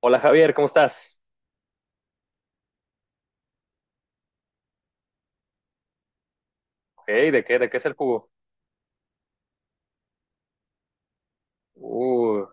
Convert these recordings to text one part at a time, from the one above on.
Hola Javier, ¿cómo estás? Ok, ¿de qué es el jugo? Uh,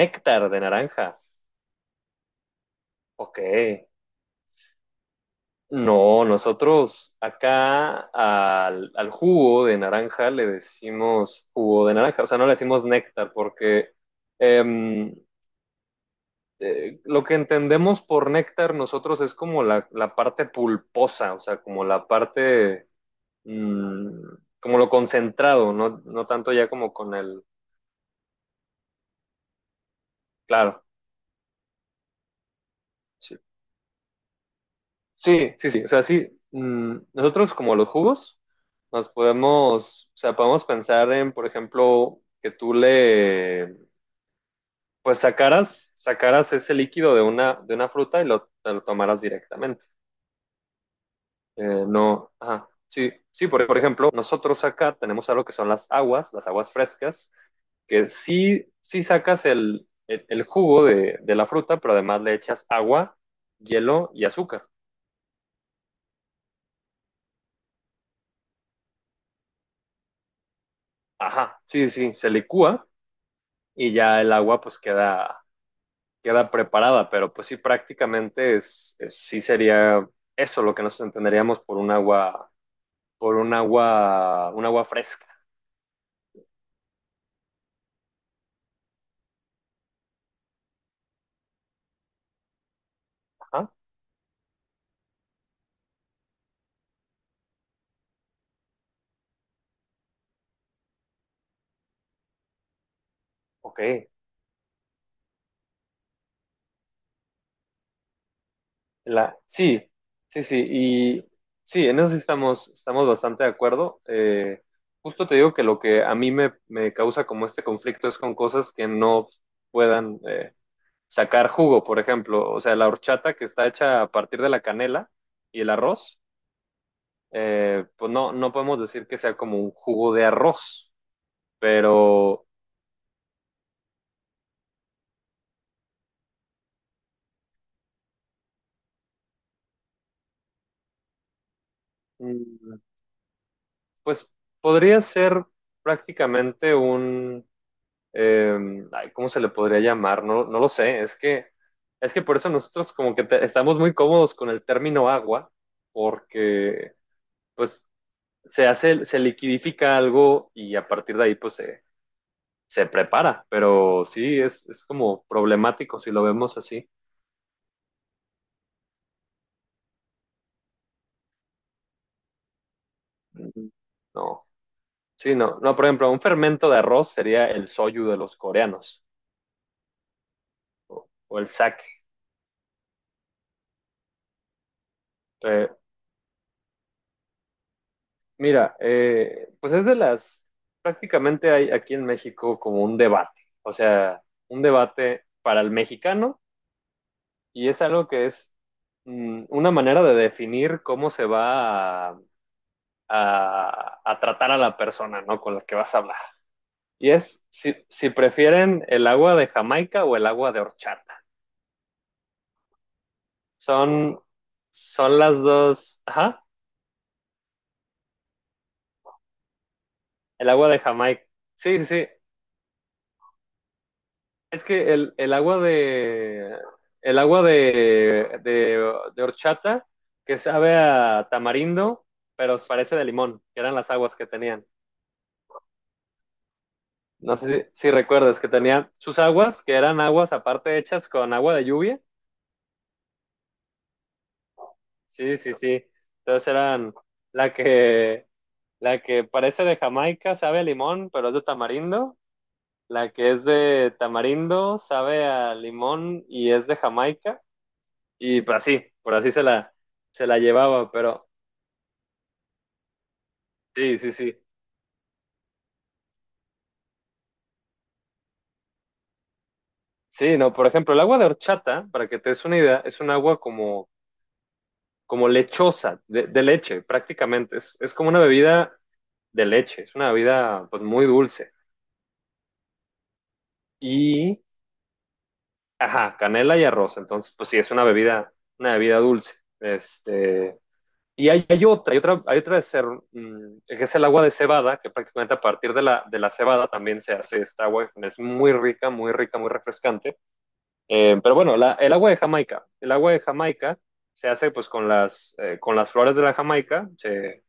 Néctar de naranja. Ok. No, nosotros acá al jugo de naranja le decimos jugo de naranja, o sea, no le decimos néctar porque em, lo que entendemos por néctar nosotros es como la parte pulposa, o sea, como la parte, mm, como lo concentrado, no, no tanto ya como con el, claro. Sí, sí, sí, sí. O sea, sí, nosotros como los jugos nos podemos, o sea, podemos pensar en, por ejemplo, que tú le, pues sacaras ese líquido de una fruta y te lo tomaras directamente. No, ajá. Sí, sí, por ejemplo, nosotros acá tenemos algo que son las aguas frescas, que sí, sí sacas el jugo de la fruta, pero además le echas agua, hielo y azúcar. Ajá, sí, sí, se licúa y ya el agua pues queda, preparada, pero pues sí, prácticamente es, sí sería eso lo que nosotros entenderíamos por un agua fresca. Ajá, ok. Sí, sí, sí, y sí, en eso sí estamos bastante de acuerdo. Justo te digo que lo que a mí me causa como este conflicto es con cosas que no puedan sacar jugo, por ejemplo, o sea, la horchata que está hecha a partir de la canela y el arroz pues no, no podemos decir que sea como un jugo de arroz, pero mm, pues podría ser prácticamente eh, ay, ¿cómo se le podría llamar? No, no lo sé, es que por eso nosotros como que estamos muy cómodos con el término agua, porque pues se hace, se liquidifica algo y a partir de ahí pues se prepara, pero sí, es como problemático si lo vemos así. Ujú. No. Sí, no, no, por ejemplo, un fermento de arroz sería el soyu de los coreanos o el sake. Eh, Mira, pues es prácticamente hay aquí en México como un debate, o sea, un debate para el mexicano y es algo que es una manera de definir cómo se va a, a tratar a la persona, ¿no? Con la que vas a hablar. Y es si prefieren el agua de Jamaica o el agua de horchata. Son, son las dos, ajá. El agua de Jamaica. Sí, sí, sí. Es que el agua de el agua de horchata que sabe a tamarindo, pero parece de limón, que eran las aguas que tenían. No sé si, si recuerdas que tenían sus aguas, que eran aguas aparte hechas con agua de lluvia. Sí, sí, sí. Entonces eran la que la que parece de Jamaica, sabe a limón, pero es de tamarindo. La que es de tamarindo, sabe a limón y es de Jamaica. Y pues así, por así se la llevaba, pero sí, sí, sí. Sí, no, por ejemplo, el agua de horchata, para que te des una idea, es un agua como, como lechosa, de leche prácticamente. Es como una bebida de leche, es una bebida pues muy dulce. Y, ajá, canela y arroz, entonces pues sí, es una bebida, dulce. Este, y hay otra, que es el agua de cebada, que prácticamente a partir de la cebada también se hace esta agua, es muy rica, muy rica, muy refrescante. Pero bueno, el agua de Jamaica. El agua de Jamaica se hace pues con las flores de la Jamaica,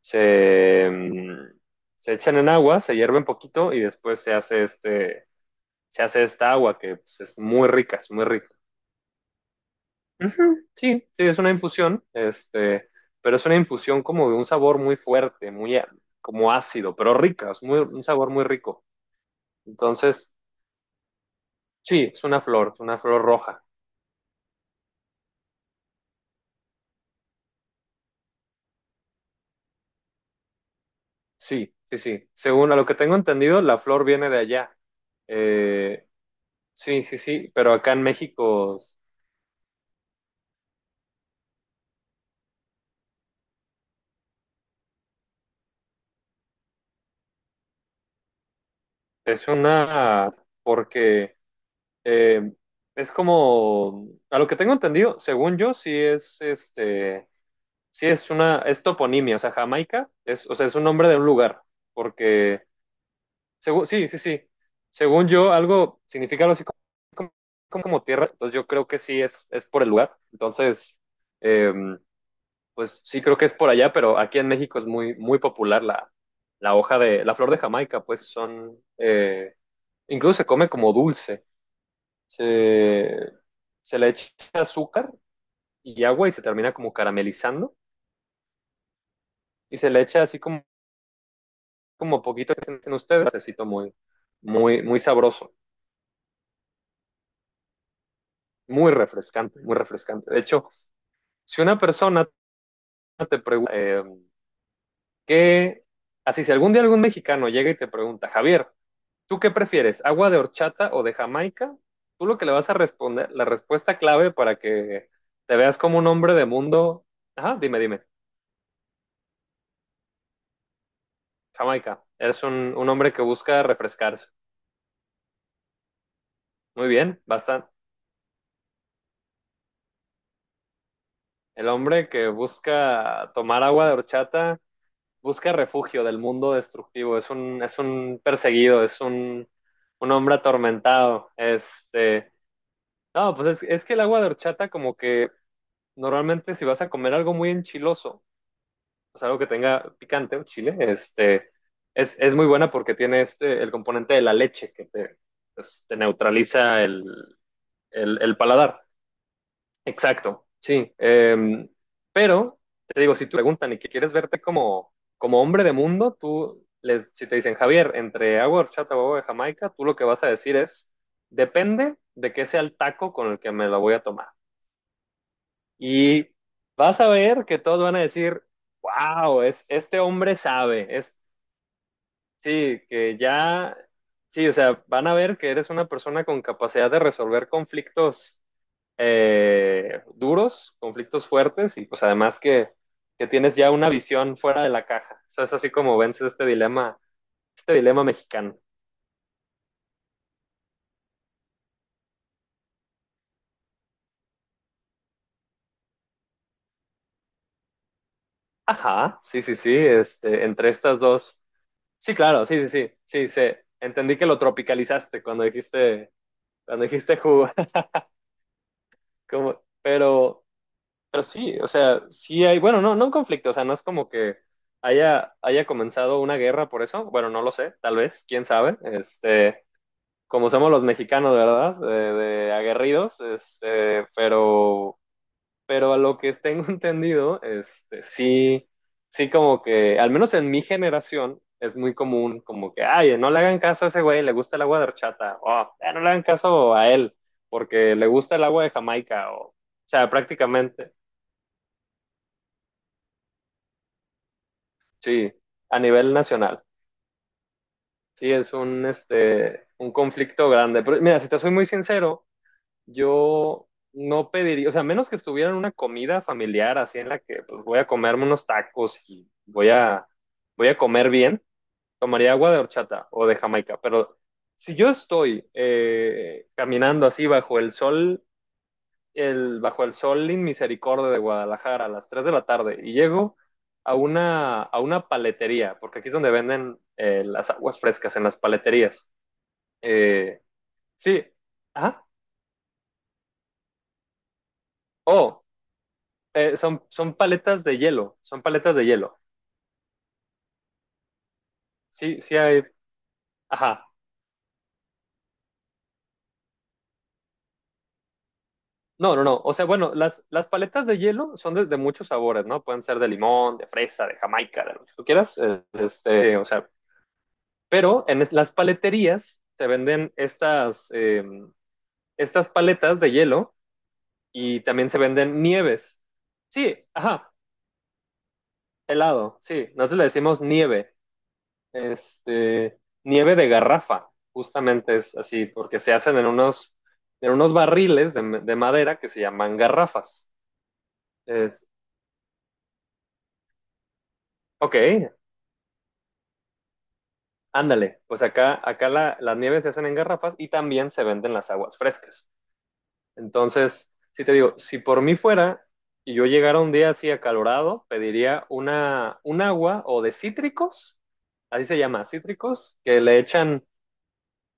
se, mm, se echan en agua, se hierve un poquito y después se hace esta agua que pues, es muy rica, es muy rica. Ujú, sí, sí, es una infusión, este, pero es una infusión como de un sabor muy fuerte, como ácido, pero rica, es muy, un sabor muy rico. Entonces, sí, es una flor roja. Sí, sí, sí. Según a lo que tengo entendido, la flor viene de allá. Eh, sí, sí, sí, pero acá en México es una, porque eh, es como, a lo que tengo entendido, según yo, sí es, este, sí es una, es toponimia, o sea, Jamaica, o sea, es un nombre de un lugar, porque, según, sí, sí, sí, según yo, algo significa algo así como tierra, entonces yo creo que sí es por el lugar, entonces... em, pues sí creo que es por allá, pero aquí en México es muy, muy popular la flor de Jamaica, pues incluso se come como dulce, se, se le echa azúcar y agua y se termina como caramelizando y se le echa así como poquito que sienten ustedes, necesito muy, muy, muy sabroso, muy refrescante, muy refrescante. De hecho, si una persona te pregunta, ¿qué? Así, si algún día algún mexicano llega y te pregunta, Javier, ¿tú qué prefieres? ¿Agua de horchata o de Jamaica? Tú lo que le vas a responder, la respuesta clave para que te veas como un hombre de mundo. Ajá, dime, dime. Jamaica. Eres un hombre que busca refrescarse. Muy bien, bastante. El hombre que busca tomar agua de horchata busca refugio del mundo destructivo. Es un perseguido, es un hombre atormentado. No, pues es que el agua de horchata como que normalmente si vas a comer algo muy enchiloso, o sea, algo que tenga picante, un chile, es muy buena porque tiene este, el componente de la leche que te neutraliza el paladar. Exacto, sí. Pero, te digo, si te preguntan y que quieres verte como, como hombre de mundo, tú, les, si te dicen, Javier, entre agua de horchata o agua de Jamaica, tú lo que vas a decir es, depende de qué sea el taco con el que me la voy a tomar. Y vas a ver que todos van a decir, wow, este hombre sabe, sí, que ya, sí, o sea, van a ver que eres una persona con capacidad de resolver conflictos duros, conflictos fuertes y pues además que tienes ya una visión fuera de la caja. Eso es así como vences este dilema mexicano. Ajá, sí, sí, sí, entre estas dos. Sí, claro, sí, sí, sí, sí, sé. Entendí que lo tropicalizaste cuando dijiste jugo, como, pero... Pero sí, o sea, sí hay, bueno, no, no un conflicto, o sea, no es como que haya comenzado una guerra por eso, bueno, no lo sé, tal vez, quién sabe, este, como somos los mexicanos, ¿verdad? De aguerridos, este, pero a lo que tengo entendido, este, sí, sí como que, al menos en mi generación, es muy común, como que, ay, no le hagan caso a ese güey, le gusta el agua de horchata, o "Ah, no le hagan caso a él, porque le gusta el agua de Jamaica, o sea, prácticamente. Sí, a nivel nacional. Sí, es un conflicto grande. Pero mira, si te soy muy sincero, yo no pediría, o sea, a menos que estuviera en una comida familiar así en la que pues, voy a comerme unos tacos y voy a comer bien, tomaría agua de horchata o de Jamaica. Pero si yo estoy caminando así bajo el sol el Bajo el Sol en Misericordia de Guadalajara a las 3 de la tarde y llego a una paletería, porque aquí es donde venden las aguas frescas, en las paleterías. Eh, sí, ajá. Oh, son paletas de hielo, son paletas de hielo. Sí, sí hay, ajá. No, no, no. O sea, bueno, las paletas de hielo son de muchos sabores, ¿no? Pueden ser de limón, de fresa, de jamaica, de lo que tú quieras. O sea, pero en las paleterías te venden estas, estas paletas de hielo y también se venden nieves. Sí, ajá, helado, sí. Nosotros le decimos nieve, este, nieve de garrafa, justamente es así, porque se hacen en unos barriles de madera que se llaman garrafas. Es, ok, ándale, pues acá, acá las nieves se hacen en garrafas y también se venden las aguas frescas. Entonces, sí te digo, si por mí fuera y yo llegara un día así acalorado, pediría un agua o de cítricos, así se llama, cítricos, que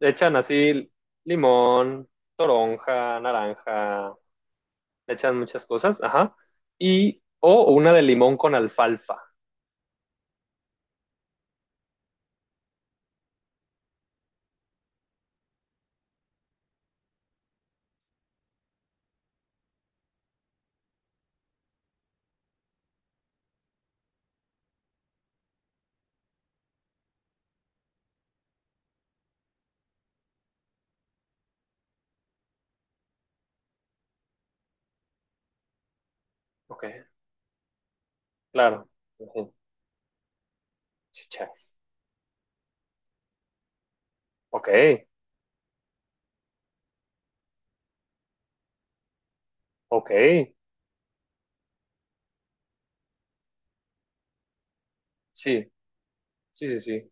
le echan así limón, toronja, naranja, le echan muchas cosas, ajá, y o una de limón con alfalfa, ok, claro, ujú, chichas, ok, ok, sí, sí, sí, sí,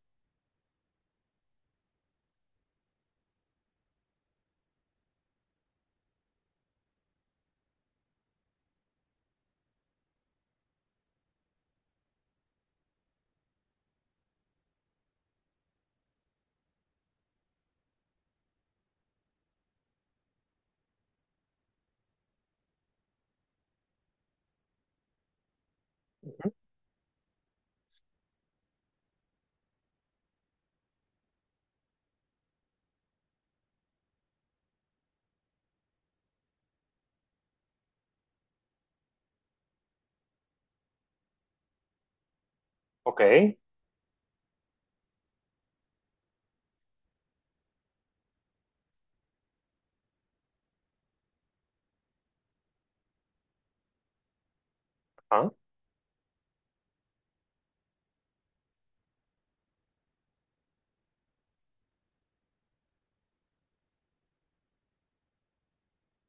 ok, ah,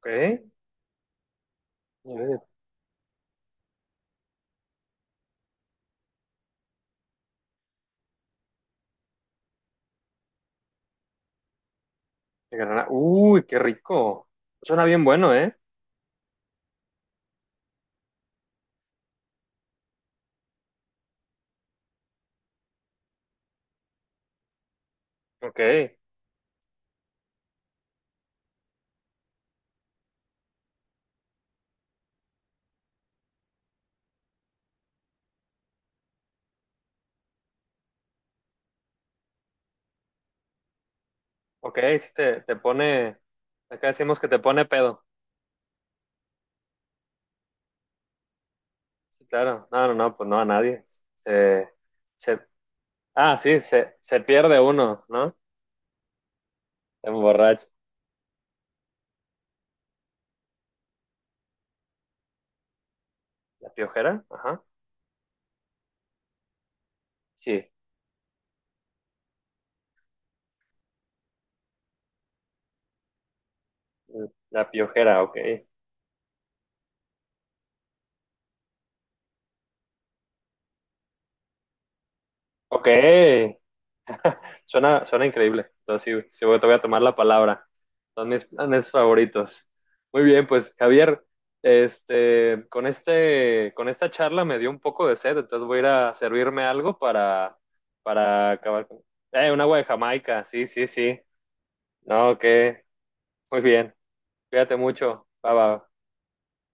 ok, de granada. Uy, qué rico. Suena bien bueno, ¿eh? Ok, ok, si te pone, acá decimos que te pone pedo. Sí, claro, no, no, no, pues no a nadie. Se, se, ah, sí, se pierde uno, ¿no? Se emborracha. ¿La Piojera? Ajá. Sí, la Piojera, ok. Ok, suena increíble. Entonces, sí, te voy a tomar la palabra. Son mis planes favoritos. Muy bien, pues Javier, este, con esta charla me dio un poco de sed, entonces voy a ir a servirme algo para acabar con... Un agua de Jamaica, sí, sí, sí. No, muy bien. Cuídate mucho. Bye, bye.